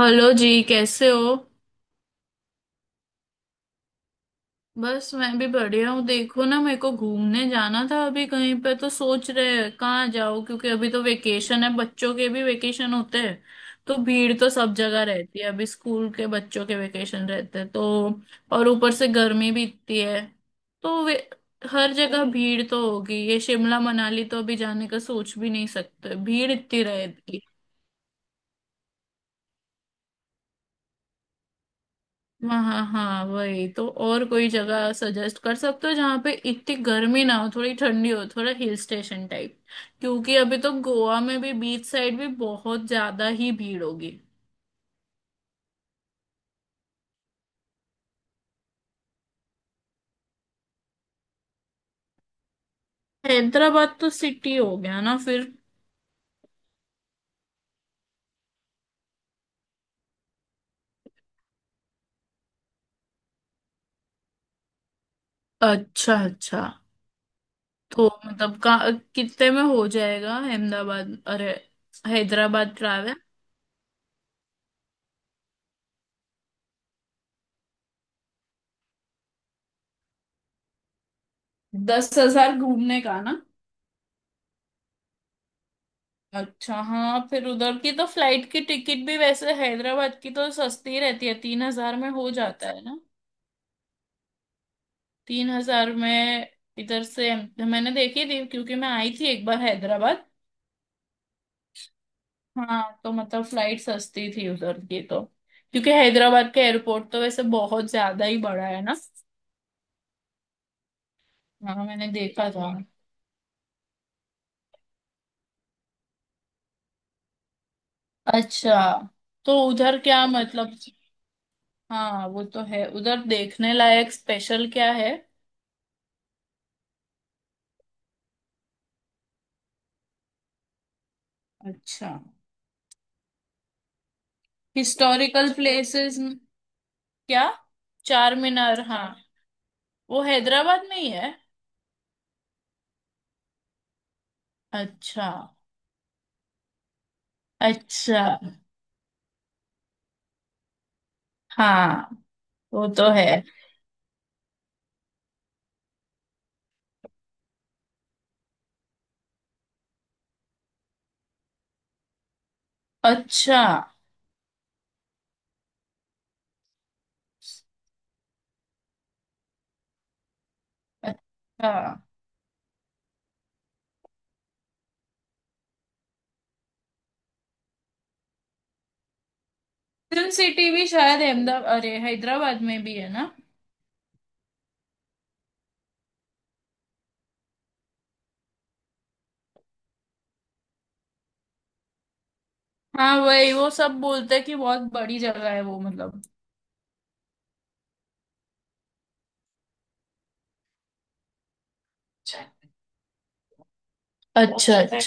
Hello जी कैसे हो। बस मैं भी बढ़िया हूँ। देखो ना मेरे को घूमने जाना था अभी कहीं पे तो सोच रहे हैं कहाँ जाओ, क्योंकि अभी तो वेकेशन है, बच्चों के भी वेकेशन होते हैं तो भीड़ तो सब जगह रहती है। अभी स्कूल के बच्चों के वेकेशन रहते हैं तो। और ऊपर से गर्मी भी इतनी है तो वे हर जगह भीड़ तो होगी। ये शिमला मनाली तो अभी जाने का सोच भी नहीं सकते, भीड़ इतनी रहेगी। हाँ हाँ हाँ, वही तो। और कोई जगह सजेस्ट कर सकते हो जहाँ पे इतनी गर्मी ना हो, थोड़ी ठंडी हो, थोड़ा हिल स्टेशन टाइप। क्योंकि अभी तो गोवा में भी बीच साइड भी बहुत ज्यादा ही भीड़ होगी। हैदराबाद तो सिटी हो गया ना फिर। अच्छा अच्छा। तो मतलब का कितने में हो जाएगा अहमदाबाद अरे हैदराबाद ट्रैवल। 10 हजार घूमने का ना। अच्छा हाँ, फिर उधर की तो फ्लाइट की टिकट भी वैसे हैदराबाद की तो सस्ती रहती है, 3 हजार में हो जाता है ना। 3 हजार में इधर से मैंने देखी थी, क्योंकि मैं आई थी एक बार हैदराबाद। हाँ तो मतलब फ्लाइट सस्ती थी उधर की तो। क्योंकि हैदराबाद का एयरपोर्ट तो वैसे बहुत ज्यादा ही बड़ा है ना। हाँ मैंने देखा था। अच्छा। तो उधर क्या मतलब, हाँ वो तो है, उधर देखने लायक स्पेशल क्या है। अच्छा। हिस्टोरिकल प्लेसेस, क्या। चार मीनार हाँ। वो हैदराबाद में ही है। अच्छा। अच्छा। हाँ वो तो है। अच्छा अच्छा। फिल्म सिटी भी शायद अहमदाबाद अरे हैदराबाद में भी है ना। हाँ वही, वो सब बोलते हैं कि बहुत बड़ी जगह है वो मतलब। अच्छा अच्छा।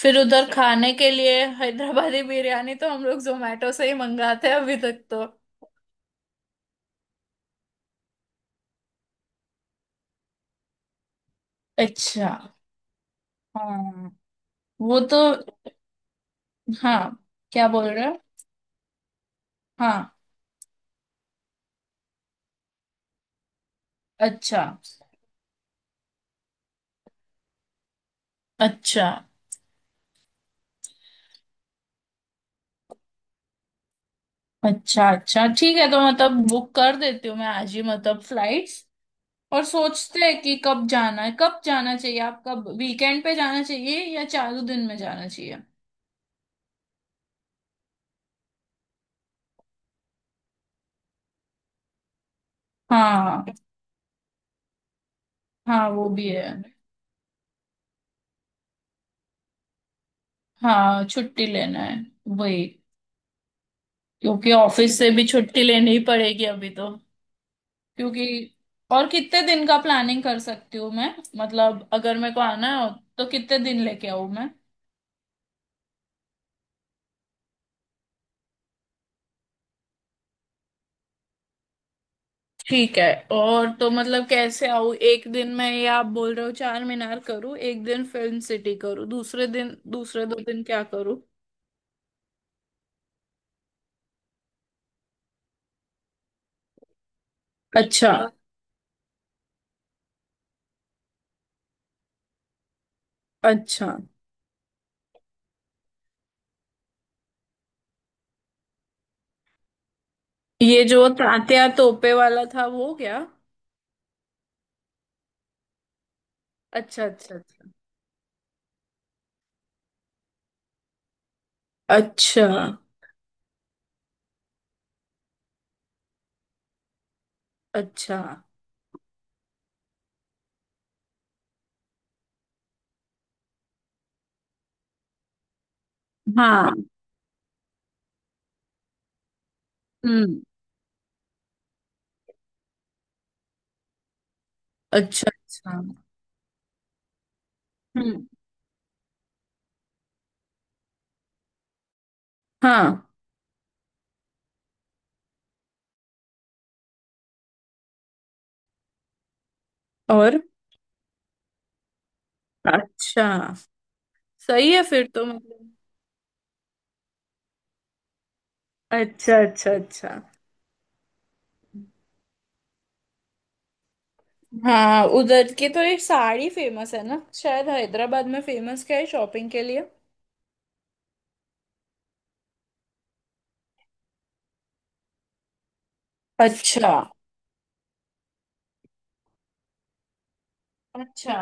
फिर उधर खाने के लिए हैदराबादी बिरयानी तो हम लोग जोमेटो से ही मंगाते हैं अभी तक तो। अच्छा। हाँ वो तो। हाँ। क्या बोल रहे हो। हाँ। अच्छा अच्छा अच्छा अच्छा ठीक है, तो मतलब बुक कर देती हूँ मैं आज ही मतलब फ्लाइट्स। और सोचते हैं कि कब जाना है, कब जाना चाहिए, आप कब वीकेंड पे जाना चाहिए या चालू दिन में जाना चाहिए। हाँ हाँ, वो भी है। हाँ छुट्टी लेना है, वही। क्योंकि ऑफिस से भी छुट्टी लेनी ही पड़ेगी अभी तो, क्योंकि। और कितने दिन का प्लानिंग कर सकती हूँ मैं, मतलब अगर मेरे को आना हो तो कितने दिन लेके आऊँ। ठीक है। और तो मतलब कैसे आऊँ, एक दिन मैं ये आप बोल रहे हो चार मीनार करूँ, एक दिन फिल्म सिटी करूँ, दूसरे दिन दूसरे 2 दिन क्या करूँ। अच्छा अच्छा। ये जो तात्या तोपे वाला था वो क्या। अच्छा अच्छा अच्छा अच्छा अच्छा। हाँ। हम्म। अच्छा अच्छा। हम्म। हाँ। और अच्छा। सही है फिर तो मतलब। अच्छा अच्छा अच्छा। हाँ उधर की तो ये साड़ी फेमस है ना शायद, हैदराबाद में फेमस क्या है शॉपिंग के लिए। अच्छा। अच्छा।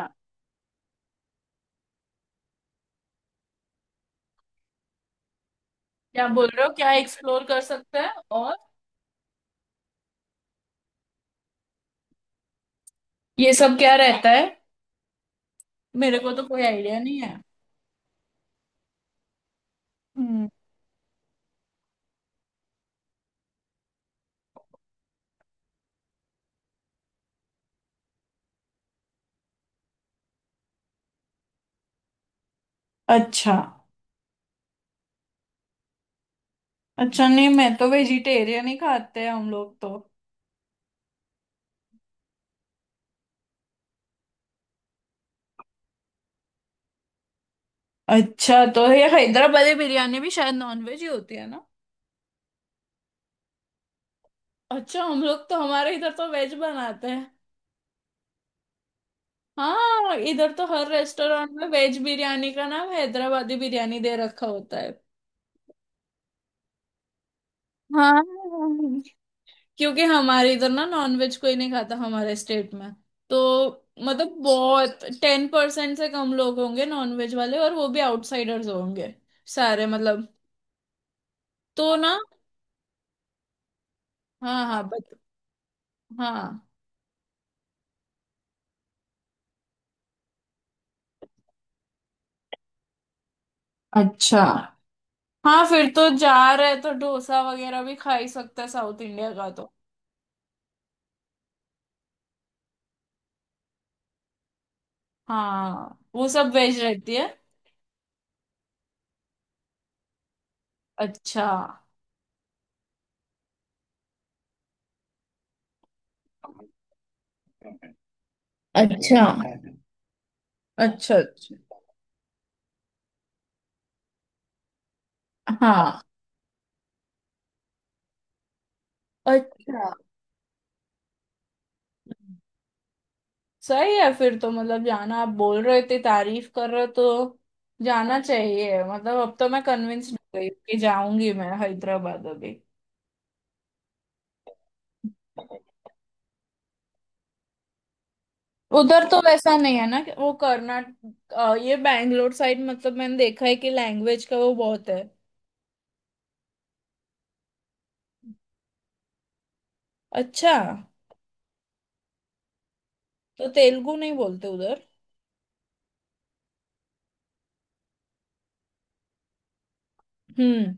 क्या बोल रहे हो, क्या एक्सप्लोर कर सकते हैं। और ये सब क्या रहता है, मेरे को तो कोई आइडिया नहीं है। हम्म। अच्छा। अच्छा नहीं, मैं तो वेजिटेरियन ही खाते हैं हम लोग तो। अच्छा, तो ये हैदराबादी बिरयानी भी शायद नॉन वेज ही होती है ना। अच्छा, हम लोग तो हमारे इधर तो वेज बनाते हैं। हाँ इधर तो हर रेस्टोरेंट में वेज बिरयानी का नाम हैदराबादी बिरयानी दे रखा होता है। हाँ, क्योंकि हमारे इधर ना नॉन वेज कोई नहीं खाता हमारे स्टेट में। तो मतलब बहुत 10% से कम लोग होंगे नॉन वेज वाले, और वो भी आउटसाइडर्स होंगे सारे मतलब। तो ना, हाँ हाँ बत हाँ। अच्छा। हाँ फिर तो जा रहे हैं तो डोसा वगैरह भी खा ही सकते हैं साउथ इंडिया का तो। हाँ वो सब वेज रहती है। अच्छा अच्छा अच्छा अच्छा। हाँ। अच्छा। सही है फिर तो मतलब जाना, आप बोल रहे थे तारीफ कर रहे हो तो जाना चाहिए मतलब। अब तो मैं कन्विंस हो गई कि जाऊंगी मैं हैदराबाद अभी। उधर तो वैसा नहीं है ना कि वो कर्नाटक, ये बैंगलोर साइड, मतलब मैंने देखा है कि लैंग्वेज का वो बहुत है। अच्छा। तो तेलुगु नहीं बोलते उधर। हम्म।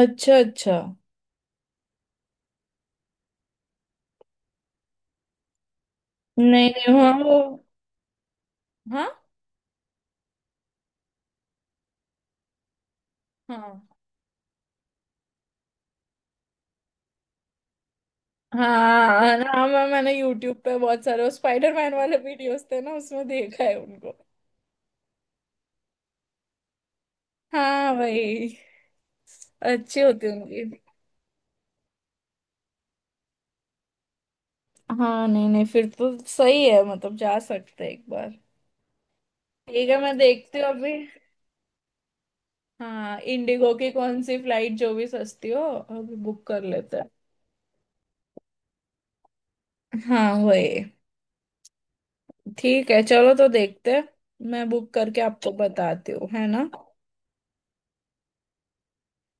अच्छा अच्छा। नहीं नहीं, वहाँ वो। हाँ हाँ हाँ। हाँ मैंने यूट्यूब पे बहुत सारे वो स्पाइडरमैन वाले वीडियोस थे ना उसमें देखा है उनको। हाँ भाई, अच्छे होते होंगे। हाँ नहीं नहीं, फिर तो सही है मतलब, जा सकते हैं एक बार। ठीक है मैं देखती हूँ अभी। हाँ इंडिगो की कौन सी फ्लाइट जो भी सस्ती हो अभी बुक कर लेते हैं। हाँ वही। ठीक है चलो तो देखते हैं। मैं बुक करके आपको बताती हूँ है ना।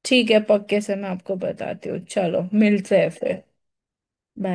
ठीक है, पक्के से मैं आपको बताती हूँ। चलो मिलते हैं फिर। बाय।